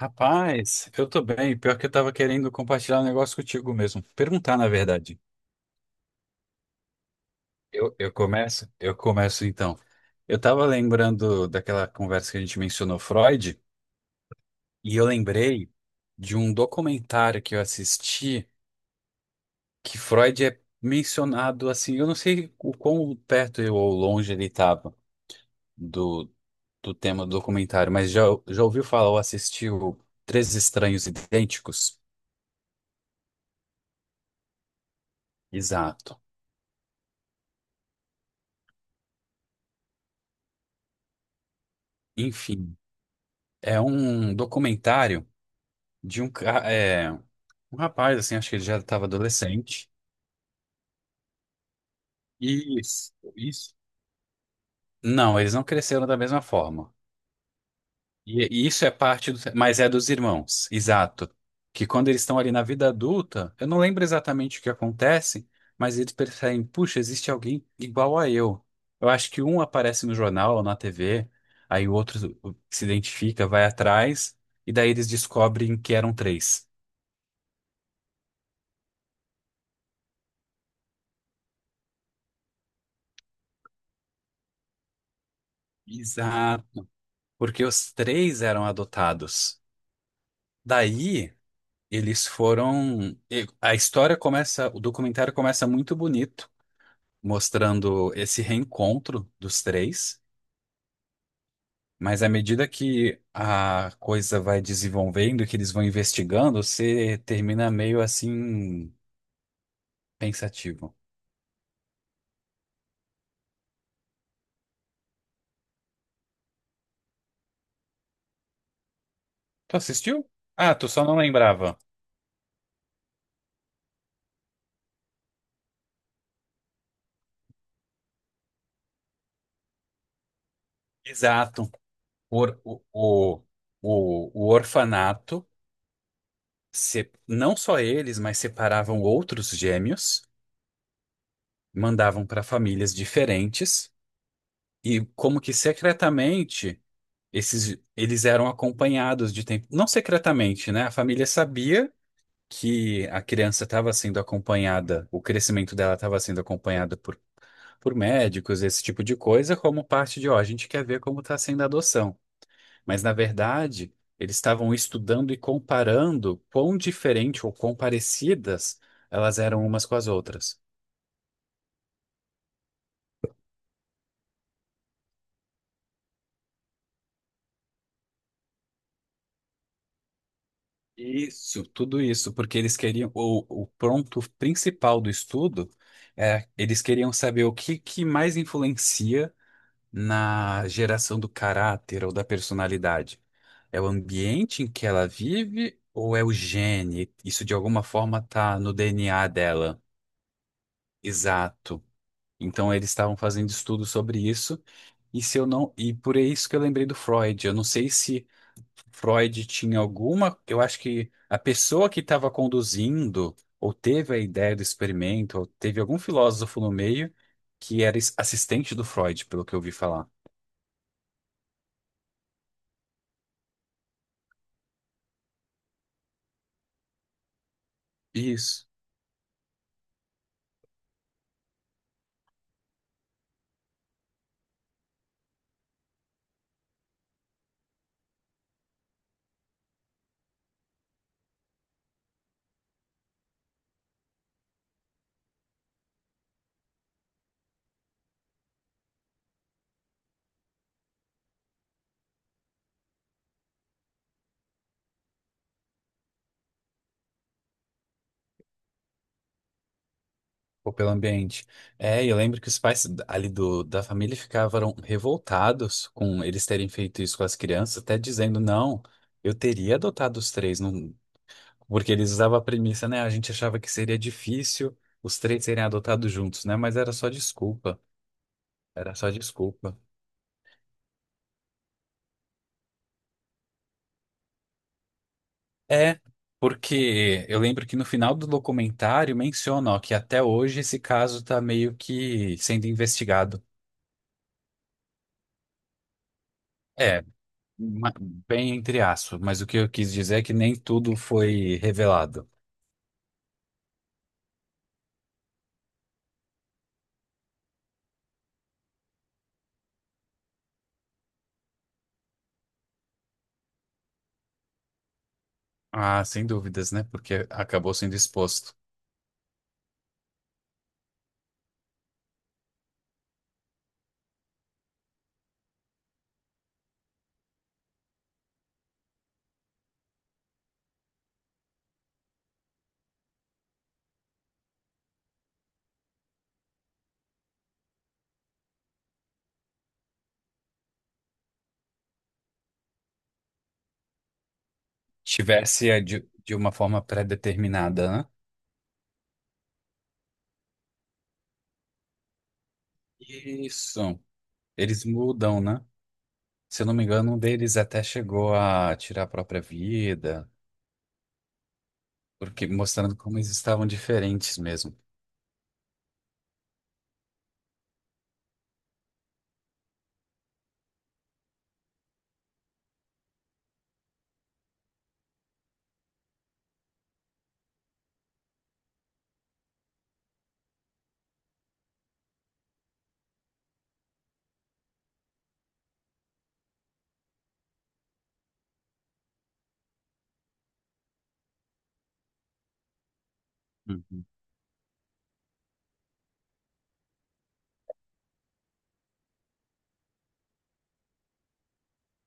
Rapaz, eu tô bem. Pior que eu tava querendo compartilhar um negócio contigo mesmo. Perguntar, na verdade. Eu começo? Eu começo então. Eu tava lembrando daquela conversa que a gente mencionou Freud, e eu lembrei de um documentário que eu assisti que Freud é mencionado assim. Eu não sei o quão perto eu ou longe ele estava do, do tema do documentário, mas já ouviu falar ou assistiu Três Estranhos Idênticos? Exato. Enfim. É um documentário de um rapaz, assim, acho que ele já estava adolescente. Isso, não, eles não cresceram da mesma forma. E isso é parte do, mas é dos irmãos, exato. Que quando eles estão ali na vida adulta, eu não lembro exatamente o que acontece, mas eles percebem, puxa, existe alguém igual a eu. Eu acho que um aparece no jornal ou na TV, aí o outro se identifica, vai atrás, e daí eles descobrem que eram três. Exato, porque os três eram adotados. Daí eles A história começa, o documentário começa muito bonito, mostrando esse reencontro dos três. Mas à medida que a coisa vai desenvolvendo, que eles vão investigando, você termina meio assim pensativo. Tu assistiu? Ah, tu só não lembrava. Exato. Por- o, o, o orfanato, não só eles, mas separavam outros gêmeos, mandavam para famílias diferentes e como que secretamente esses eles eram acompanhados de tempo, não secretamente, né? A família sabia que a criança estava sendo acompanhada, o crescimento dela estava sendo acompanhado por médicos, esse tipo de coisa, como parte de, ó, a gente quer ver como está sendo a adoção. Mas, na verdade, eles estavam estudando e comparando quão diferente ou quão parecidas elas eram umas com as outras. Isso, tudo isso, porque eles queriam, o ponto principal do estudo é, eles queriam saber que mais influencia na geração do caráter ou da personalidade. É o ambiente em que ela vive ou é o gene? Isso de alguma forma tá no DNA dela. Exato. Então eles estavam fazendo estudos sobre isso, e se eu não, e por isso que eu lembrei do Freud. Eu não sei se Freud tinha alguma, eu acho que a pessoa que estava conduzindo, ou teve a ideia do experimento, ou teve algum filósofo no meio que era assistente do Freud, pelo que eu ouvi falar. Isso. Ou pelo ambiente. É, eu lembro que os pais ali da família ficavam revoltados com eles terem feito isso com as crianças, até dizendo, não, eu teria adotado os três, não, porque eles usavam a premissa, né? A gente achava que seria difícil os três serem adotados juntos, né? Mas era só desculpa. Era só desculpa. É, porque eu lembro que no final do documentário menciona, ó, que até hoje esse caso está meio que sendo investigado. É, ma- bem entre aspas, mas o que eu quis dizer é que nem tudo foi revelado. Ah, sem dúvidas, né? Porque acabou sendo exposto. Tivesse é, de uma forma pré-determinada, né? Isso. Eles mudam, né? Se eu não me engano, um deles até chegou a tirar a própria vida, porque mostrando como eles estavam diferentes mesmo. Uhum.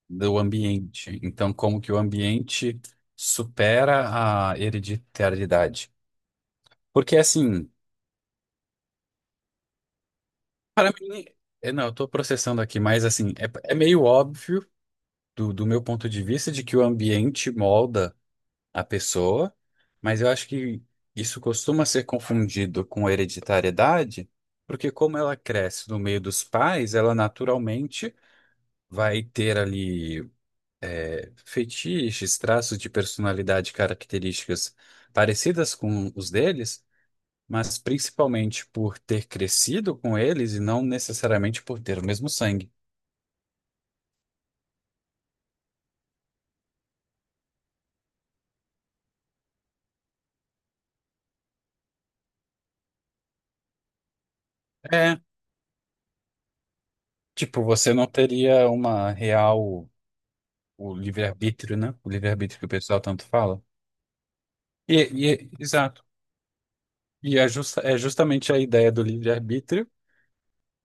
Do ambiente. Então, como que o ambiente supera a hereditariedade? Porque assim, para mim, é, não, eu estou processando aqui, mas assim, é, é meio óbvio do meu ponto de vista de que o ambiente molda a pessoa, mas eu acho que isso costuma ser confundido com hereditariedade, porque como ela cresce no meio dos pais, ela naturalmente vai ter ali fetiches, traços de personalidade, e características parecidas com os deles, mas principalmente por ter crescido com eles e não necessariamente por ter o mesmo sangue. É, tipo, você não teria uma real o livre-arbítrio, né? O livre-arbítrio que o pessoal tanto fala. E, Exato. E é, é justamente a ideia do livre-arbítrio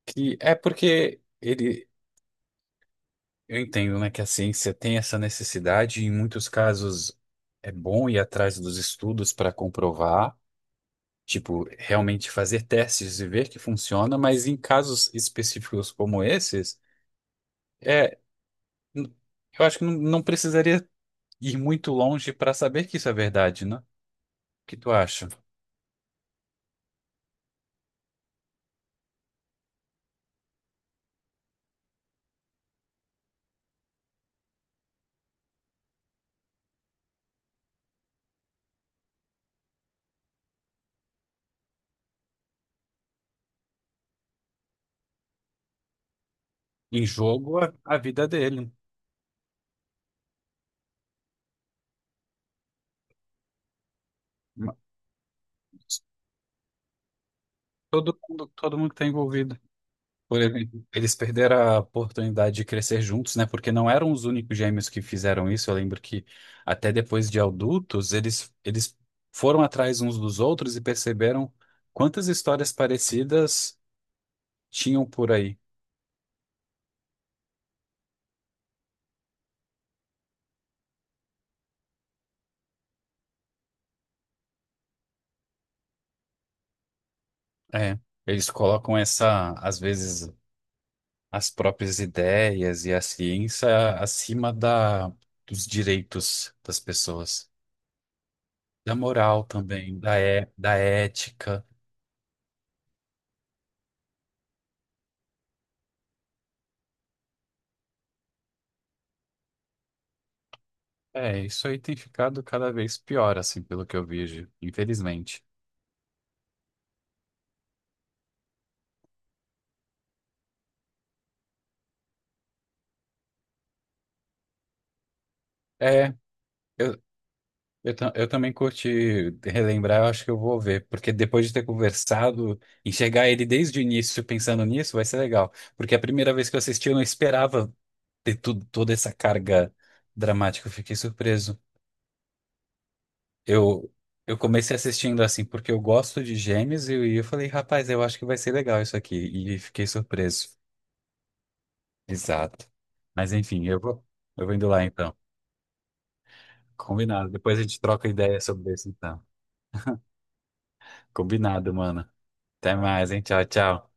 que é porque ele eu entendo, né, que a ciência tem essa necessidade, e em muitos casos é bom ir atrás dos estudos para comprovar, tipo, realmente fazer testes e ver que funciona, mas em casos específicos como esses, é, n- eu acho que não precisaria ir muito longe para saber que isso é verdade, né? O que tu acha? Em jogo, a vida é dele. Mas todo mundo, todo mundo que está envolvido. Por exemplo, eles perderam a oportunidade de crescer juntos, né? Porque não eram os únicos gêmeos que fizeram isso. Eu lembro que até depois de adultos, eles foram atrás uns dos outros e perceberam quantas histórias parecidas tinham por aí. É, eles colocam essa, às vezes, as próprias ideias e a ciência acima dos direitos das pessoas, da moral também, da ética. É, isso aí tem ficado cada vez pior, assim, pelo que eu vejo, infelizmente. É, eu, eu também curti relembrar, eu acho que eu vou ver, porque depois de ter conversado, enxergar ele desde o início pensando nisso vai ser legal. Porque a primeira vez que eu assisti, eu não esperava ter tudo, toda essa carga dramática, eu fiquei surpreso. Eu, eu comecei assistindo assim, porque eu gosto de Gêmeos, e eu falei, rapaz, eu acho que vai ser legal isso aqui, e fiquei surpreso. Exato. Mas enfim, eu vou indo lá então. Combinado. Depois a gente troca ideia sobre isso, então. Combinado, mano. Até mais, hein? Tchau, tchau.